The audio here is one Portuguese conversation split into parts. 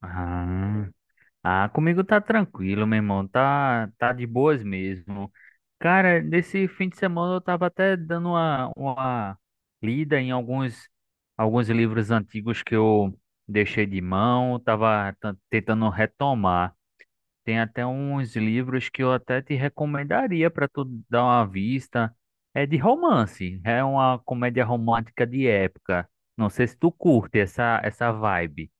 Ah, ah, comigo tá tranquilo, meu irmão. Tá de boas mesmo. Cara, nesse fim de semana eu tava até dando uma lida em alguns livros antigos que eu deixei de mão, tava tentando retomar. Tem até uns livros que eu até te recomendaria para tu dar uma vista. É de romance, é uma comédia romântica de época. Não sei se tu curte essa vibe.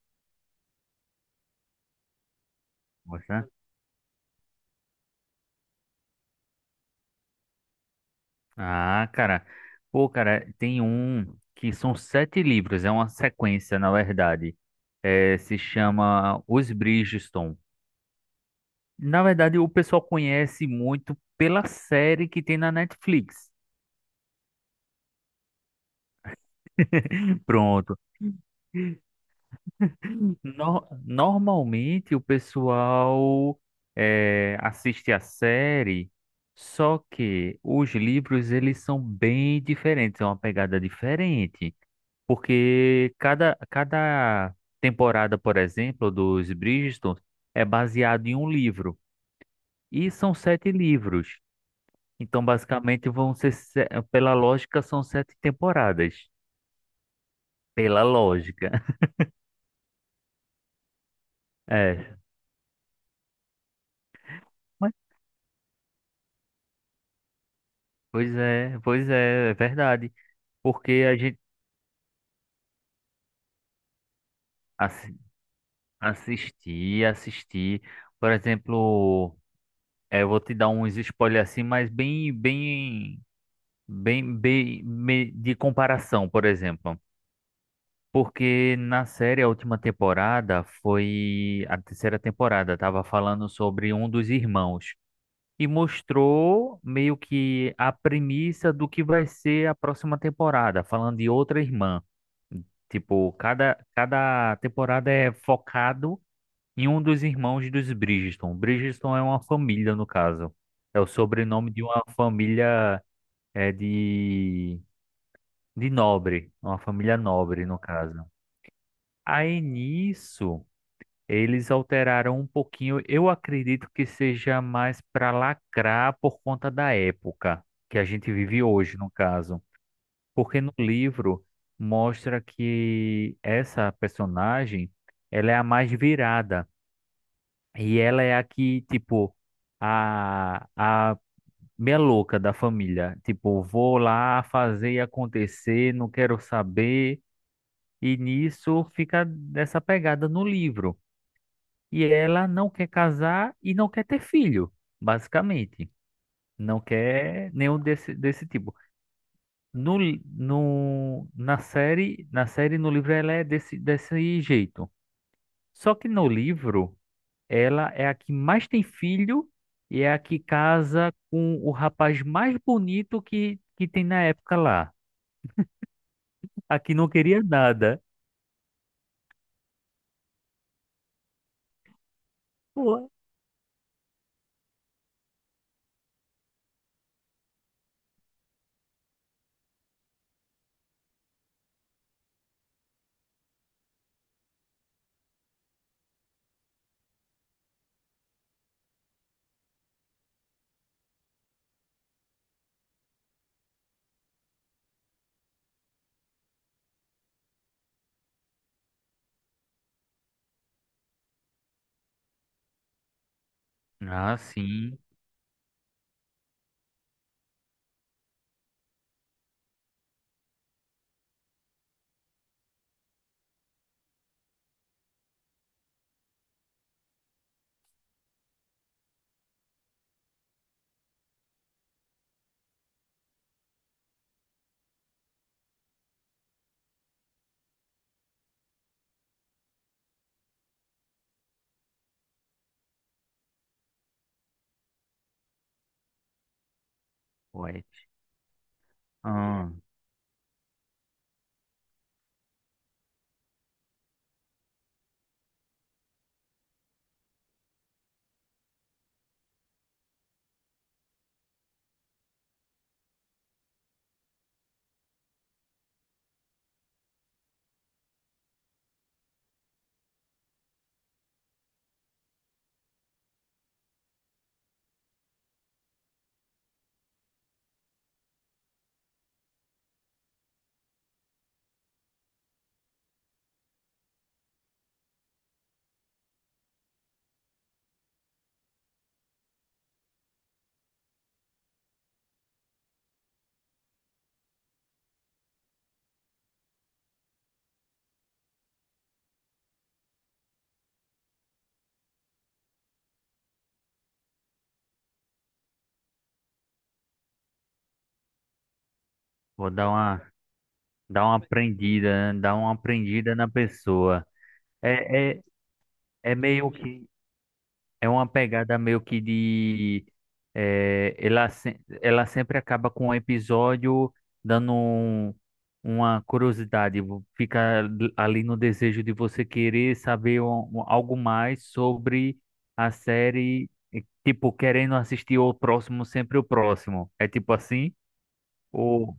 Ah, cara. Pô, cara, tem um que são 7 livros, é uma sequência, na verdade. É, se chama Os Bridgerton. Na verdade, o pessoal conhece muito pela série que tem na Netflix. Pronto. Normalmente o pessoal assiste a série, só que os livros eles são bem diferentes, é uma pegada diferente. Porque cada temporada, por exemplo, dos Bridgerton é baseado em um livro. E são 7 livros. Então, basicamente, vão ser, pela lógica, são 7 temporadas. Pela lógica. É. Mas, pois é, é verdade. Porque a gente assi- assistir, assistir. Por exemplo, eu vou te dar uns spoilers assim, mas bem, bem, bem, bem, de comparação, por exemplo. Porque na série, a última temporada foi a terceira temporada, tava falando sobre um dos irmãos e mostrou meio que a premissa do que vai ser a próxima temporada, falando de outra irmã. Tipo, cada temporada é focado em um dos irmãos dos Bridgerton. Bridgerton é uma família, no caso. É o sobrenome de uma família é, de, de nobre, uma família nobre, no caso. Aí nisso. Eles alteraram um pouquinho, eu acredito que seja mais para lacrar por conta da época que a gente vive hoje, no caso. Porque no livro mostra que essa personagem, ela é a mais virada e ela é a que, tipo, a meia louca da família, tipo, vou lá fazer e acontecer, não quero saber, e nisso fica dessa pegada no livro. E ela não quer casar e não quer ter filho, basicamente. Não quer nenhum desse tipo. No, na série, no livro, ela é desse jeito. Só que no livro, ela é a que mais tem filho e é a que casa com o rapaz mais bonito que tem na época lá. A que não queria nada. Ué. Ah, sim. Ué. Ah, vou dar uma. Dá uma aprendida, né? Dá uma aprendida na pessoa. É, é, é meio que. É uma pegada meio que de. Ela, ela sempre acaba com um episódio dando uma curiosidade. Fica ali no desejo de você querer saber algo mais sobre a série. E, tipo, querendo assistir o próximo, sempre o próximo. É tipo assim? Ou.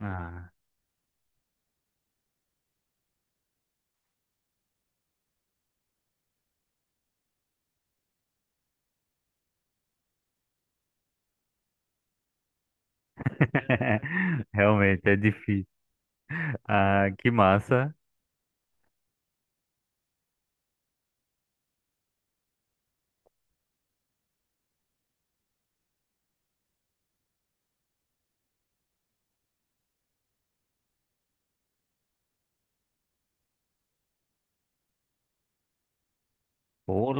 Ah. Realmente, é difícil. Ah, que massa. Pô,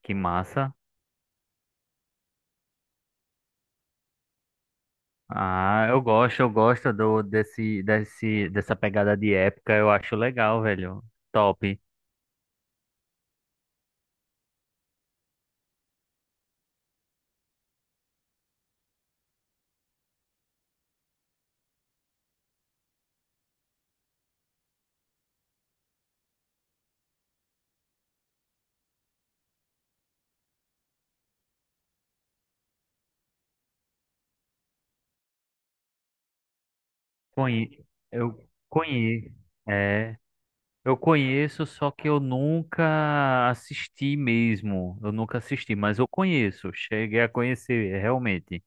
que massa. Ah, eu gosto do desse desse dessa pegada de época, eu acho legal, velho. Top. Conhe eu conheço. É, eu conheço, só que eu nunca assisti mesmo. Eu nunca assisti, mas eu conheço, cheguei a conhecer realmente.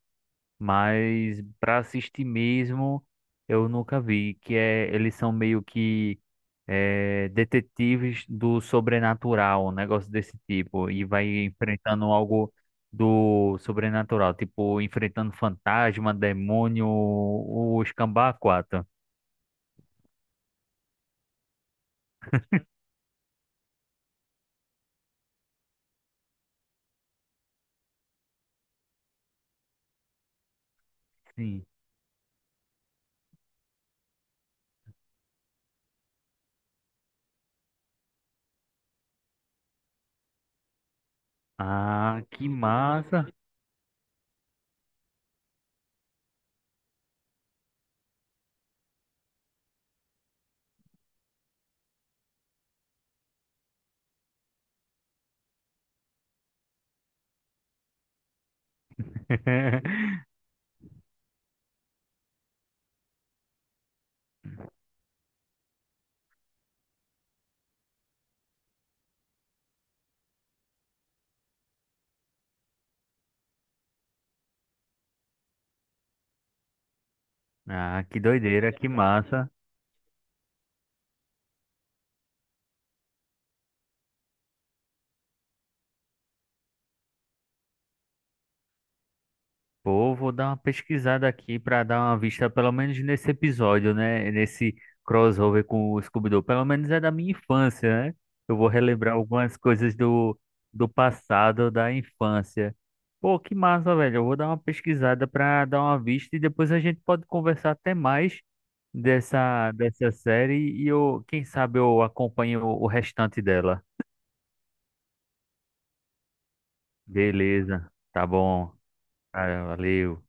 Mas para assistir mesmo eu nunca vi, que é eles são meio que detetives do sobrenatural, um negócio desse tipo, e vai enfrentando algo do sobrenatural, tipo enfrentando fantasma, demônio, o escambau a quatro. Sim. Ah, que massa! Ah, que doideira, que massa! Pô, vou dar uma pesquisada aqui para dar uma vista, pelo menos nesse episódio, né? Nesse crossover com o Scooby-Doo. Pelo menos é da minha infância, né? Eu vou relembrar algumas coisas do passado, da infância. Pô, que massa, velho. Eu vou dar uma pesquisada para dar uma vista e depois a gente pode conversar até mais dessa série e eu, quem sabe eu acompanho o restante dela. Beleza, tá bom. Ah, valeu.